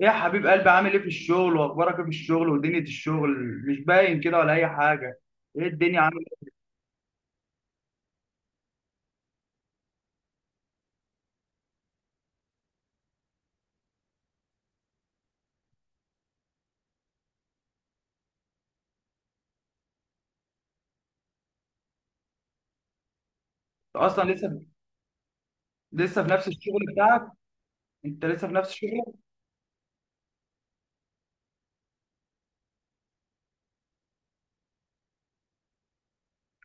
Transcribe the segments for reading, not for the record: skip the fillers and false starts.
ايه يا حبيب قلبي، عامل ايه في الشغل؟ واخبارك ايه في الشغل ودنيا الشغل؟ مش باين كده ولا اي حاجه. ايه الدنيا عامل ايه؟ أنت اصلا لسه في نفس الشغل بتاعك؟ انت لسه في نفس الشغل؟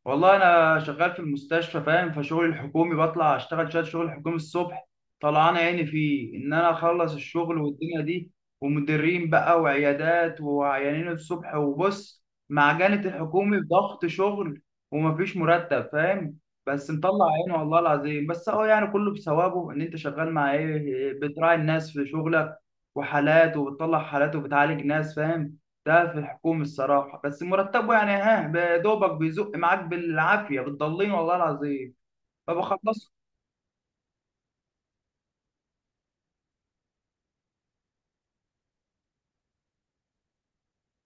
والله انا شغال في المستشفى فاهم، فشغلي الحكومي بطلع اشتغل شويه شغل حكومي الصبح. طلعان عيني فيه ان انا اخلص الشغل والدنيا دي، ومديرين بقى وعيادات وعيانين الصبح، وبص معجنة الحكومي ضغط شغل ومفيش مرتب فاهم. بس مطلع عيني والله العظيم، بس هو يعني كله بثوابه ان انت شغال مع ايه، بتراعي الناس في شغلك وحالات، وبتطلع حالات وبتعالج ناس فاهم. ده في الحكومة الصراحة، بس مرتبه يعني ها بدوبك، بيزق معاك بالعافية، بتضلين والله العظيم، فبخلصه.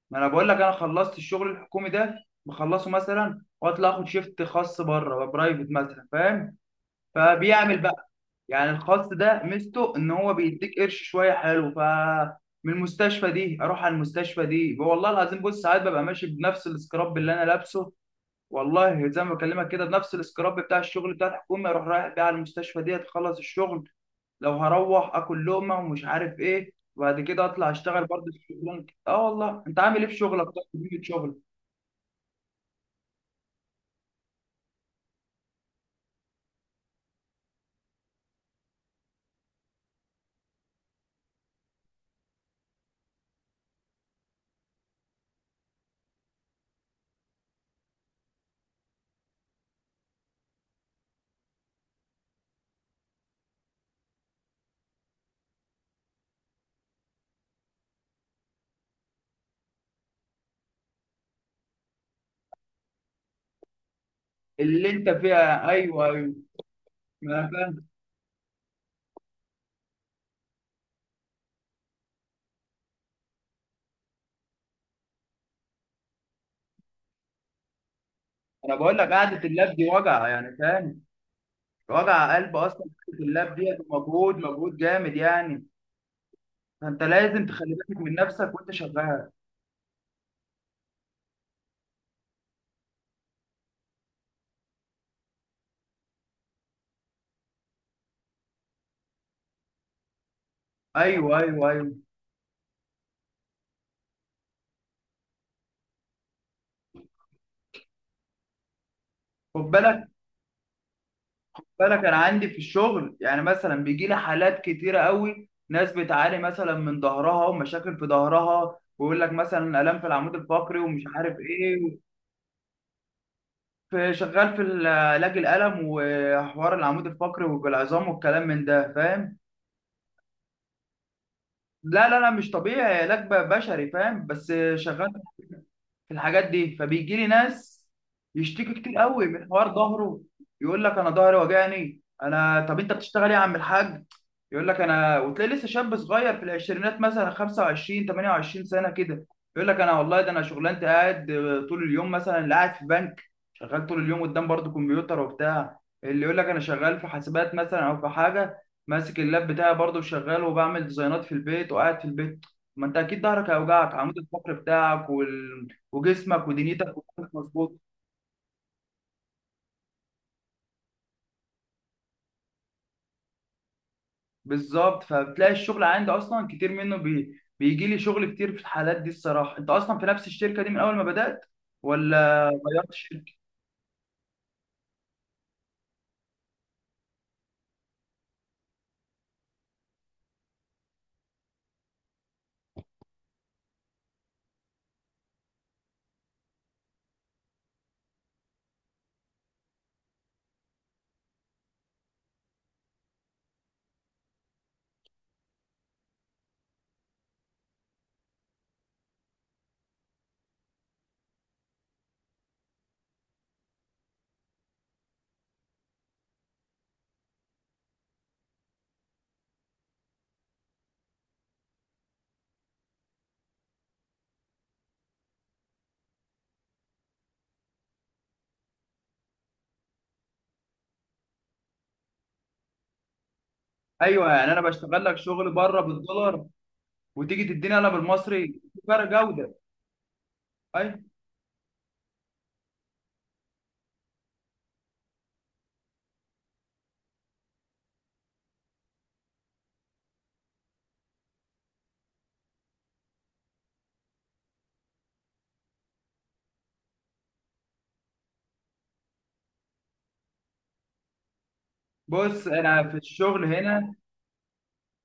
ما انا بقول لك انا خلصت الشغل الحكومي ده، بخلصه مثلا واطلع اخد شيفت خاص بره برايفت مثلا فاهم. فبيعمل بقى يعني الخاص ده، ميزته ان هو بيديك قرش شوية حلو. ف من المستشفى دي اروح على المستشفى دي، والله العظيم بص ساعات ببقى ماشي بنفس السكراب اللي انا لابسه. والله زي ما بكلمك كده، بنفس السكراب بتاع الشغل بتاع الحكومه، اروح رايح بيه على المستشفى دي، تخلص الشغل لو هروح اكل لقمه ومش عارف ايه، وبعد كده اطلع اشتغل برضه في الشغلانه. اه والله انت عامل ايه في شغلك؟ طيب في شغل اللي انت فيها؟ ايوه ايوه، ما انا فاهم. انا بقول لك قعده اللاب دي وجع يعني فاهم، وجع قلب اصلا قعده اللاب دي. مجهود مجهود جامد يعني، فانت لازم تخلي بالك من نفسك وانت شغال. ايوه ايوه ايوه، خد بالك. فانا كان عندي في الشغل يعني مثلا بيجي لي حالات كتيره قوي، ناس بتعاني مثلا من ظهرها ومشاكل في ظهرها، ويقول لك مثلا الام في العمود الفقري ومش عارف ايه. في شغال في علاج الالم وحوار العمود الفقري والعظام والكلام من ده فاهم. لا لا لا، مش طبيعي، علاج بشري فاهم، بس شغال في الحاجات دي. فبيجي لي ناس يشتكي كتير قوي من حوار ظهره. يقول لك انا ظهري وجعني. انا طب انت بتشتغل ايه يا عم الحاج؟ يقول لك انا، وتلاقي لسه شاب صغير في العشرينات مثلا 25 28 سنه كده. يقول لك انا والله ده انا شغلانتي قاعد طول اليوم، مثلا اللي قاعد في بنك شغال طول اليوم قدام برضه كمبيوتر وبتاع، اللي يقول لك انا شغال في حاسبات مثلا، او في حاجه ماسك اللاب بتاعي برضه وشغال وبعمل ديزاينات في البيت وقاعد في البيت. ما انت اكيد ظهرك هيوجعك، عمود الفقري بتاعك وال، وجسمك ودنيتك وكلك مظبوط. بالظبط، فبتلاقي الشغل عندي اصلا كتير منه، بيجي لي شغل كتير في الحالات دي الصراحه. انت اصلا في نفس الشركه دي من اول ما بدات ولا غيرت شركه؟ ايوه يعني انا بشتغل لك شغل بره بالدولار، وتيجي تديني انا بالمصري، في فرق جوده. اي، بص انا في الشغل هنا،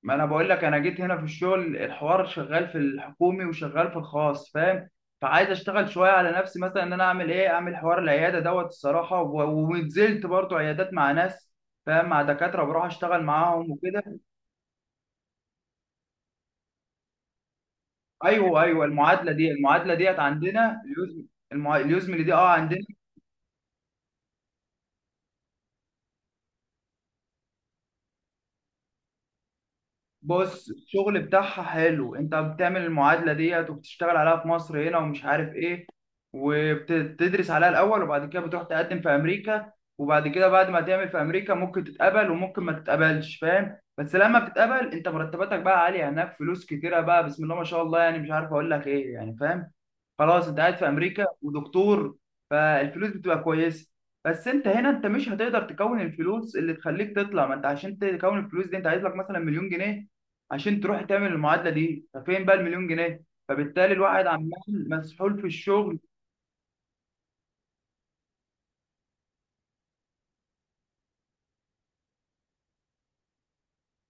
ما انا بقول لك انا جيت هنا في الشغل، الحوار شغال في الحكومي وشغال في الخاص فاهم. فعايز اشتغل شويه على نفسي مثلا، ان انا اعمل ايه، اعمل حوار العياده دوت الصراحه، ونزلت برضو عيادات مع ناس فاهم، مع دكاتره بروح اشتغل معاهم وكده. ايوه ايوه، المعادله دي، المعادله ديت عندنا اليوزم. اليوزم اللي دي اه عندنا. بص الشغل بتاعها حلو، انت بتعمل المعادلة ديت وبتشتغل عليها في مصر هنا ومش عارف ايه، وبتدرس عليها الاول، وبعد كده بتروح تقدم في امريكا. وبعد كده بعد ما تعمل في امريكا، ممكن تتقبل وممكن ما تتقبلش فاهم. بس لما بتتقبل انت، مرتباتك بقى عالية هناك، فلوس كتيرة بقى بسم الله ما شاء الله، يعني مش عارف اقول لك ايه يعني فاهم. خلاص انت قاعد في امريكا ودكتور، فالفلوس بتبقى كويسة. بس انت هنا، انت مش هتقدر تكون الفلوس اللي تخليك تطلع. ما انت عشان تكون الفلوس دي، انت عايز لك مثلا مليون جنيه عشان تروح تعمل المعادله دي، ففين بقى المليون جنيه؟ فبالتالي الواحد عمال مسحول في الشغل.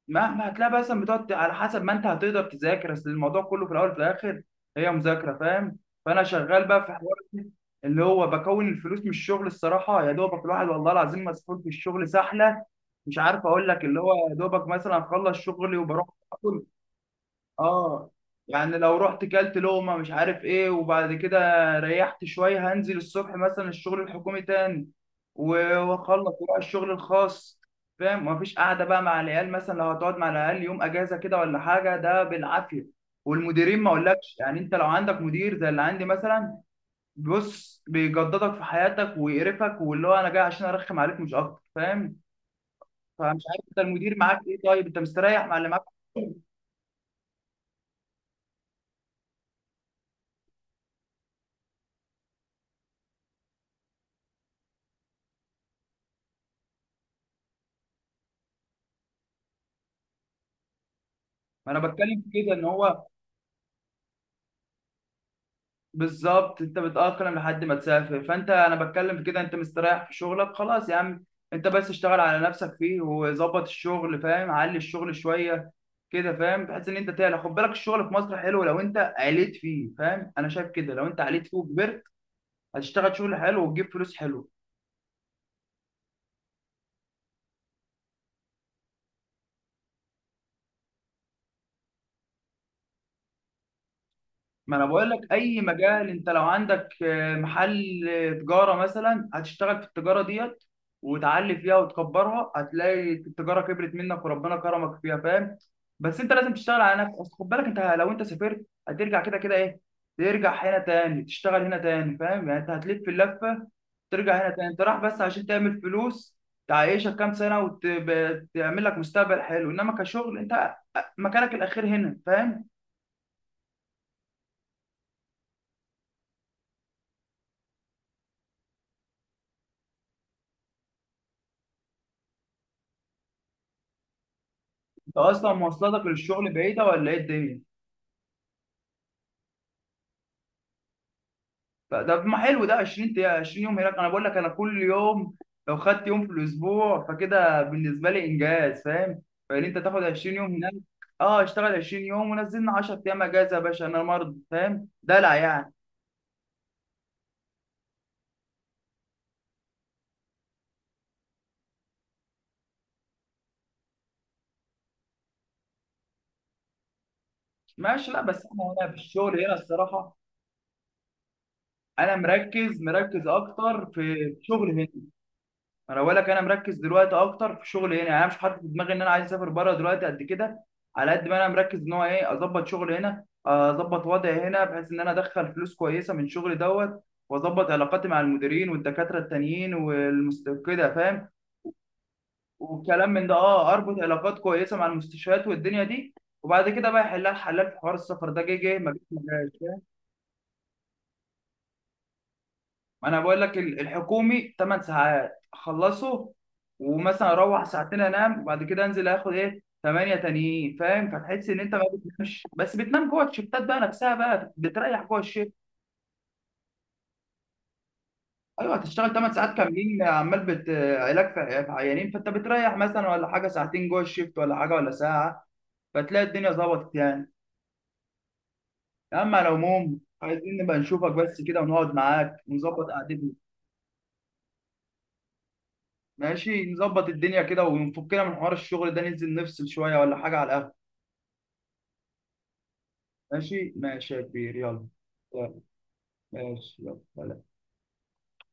مهما هتلاقي بقى، مثلا بتقعد على حسب ما انت هتقدر تذاكر، اصل الموضوع كله في الاول وفي الاخر هي مذاكره فاهم. فانا شغال بقى في حوار اللي هو بكون الفلوس من الشغل الصراحه، يا دوبك الواحد والله العظيم مسحول في الشغل سحله. مش عارف اقول لك، اللي هو يا دوبك مثلا اخلص شغلي وبروح اكل، اه، يعني لو رحت كلت لقمة مش عارف ايه، وبعد كده ريحت شوية هنزل الصبح مثلا الشغل الحكومي تاني، و- واخلص واروح الشغل الخاص فاهم. مفيش قعدة بقى مع العيال، مثلا لو هتقعد مع العيال يوم اجازة كده ولا حاجة، ده بالعافية. والمديرين ما اقولكش يعني، انت لو عندك مدير زي اللي عندي مثلا، بص بيجددك في حياتك ويقرفك، واللي هو انا جاي عشان ارخم عليك مش اكتر فاهم. فمش عارف انت المدير معاك ايه، طيب انت مستريح مع اللي معاك؟ ما انا بتكلم في كده ان هو، بالظبط انت بتأقلم لحد ما تسافر، فانت انا بتكلم في كده، انت مستريح في شغلك خلاص يا عم. انت بس اشتغل على نفسك فيه، وظبط الشغل فاهم، علي الشغل شويه كده فاهم، بحيث ان انت تعلى. خد بالك، الشغل في مصر حلو لو انت عليت فيه فاهم، انا شايف كده. لو انت عليت فيه وكبرت، هتشتغل شغل حلو وتجيب فلوس حلو. ما انا بقول لك اي مجال، انت لو عندك محل، تجاره مثلا، هتشتغل في التجاره ديت وتعلي فيها وتكبرها، هتلاقي التجاره كبرت منك وربنا كرمك فيها فاهم. بس انت لازم تشتغل على نفسك، أصل خد بالك، انت لو انت سافرت هترجع كده كده ايه، ترجع هنا تاني تشتغل هنا تاني فاهم، يعني انت هتلف اللفه ترجع هنا تاني. انت رايح بس عشان تعمل فلوس تعيشك كام سنه وتعمل لك مستقبل حلو، انما كشغل انت مكانك الاخير هنا فاهم. انت اصلا مواصلاتك للشغل بعيده ولا ايه الدنيا؟ طب ما حلو ده، 20 يوم هناك. انا بقول لك انا كل يوم، لو خدت يوم في الاسبوع فكده بالنسبه لي انجاز فاهم؟ فان انت تاخد 20 يوم هناك، اه، اشتغل 20 يوم ونزلنا 10 ايام اجازه يا باشا، انا مرض فاهم؟ دلع يعني. ماشي، لا بس انا هنا في الشغل هنا الصراحه، انا مركز مركز اكتر في شغل هنا. انا بقول لك انا مركز دلوقتي اكتر في شغلي هنا، يعني انا مش حاطط في دماغي ان انا عايز اسافر بره دلوقتي قد كده، على قد ما انا مركز ان هو ايه اظبط شغلي هنا، اظبط وضعي هنا، بحيث ان انا ادخل فلوس كويسه من شغلي دوت، واظبط علاقاتي مع المديرين والدكاتره التانيين والمست كده فاهم. والكلام من ده اه، اربط علاقات كويسه مع المستشفيات والدنيا دي، وبعد كده بقى يحلها الحلال في حوار السفر ده، جه جه، ما جاش ما جاش. ما انا بقول لك الحكومي 8 ساعات اخلصه، ومثلا اروح ساعتين انام، وبعد كده انزل اخد ايه 8 تانيين فاهم. فتحس ان انت ما بتنامش، بس بتنام جوه الشفتات بقى نفسها بقى، بتريح جوه الشفت. ايوه هتشتغل 8 ساعات كاملين، عمال علاج في عيانين، فانت بتريح مثلا ولا حاجه ساعتين جوه الشفت ولا حاجه ولا ساعه، فتلاقي الدنيا ظبطت يعني. اما على العموم عايزين نبقى نشوفك بس كده، ونقعد معاك ونظبط قعدتنا. ماشي نظبط الدنيا كده، ونفكنا من حوار الشغل ده، ننزل نفصل شوية ولا حاجة على القهوة. ماشي ماشي يا كبير يلا. يلا، ماشي يلا.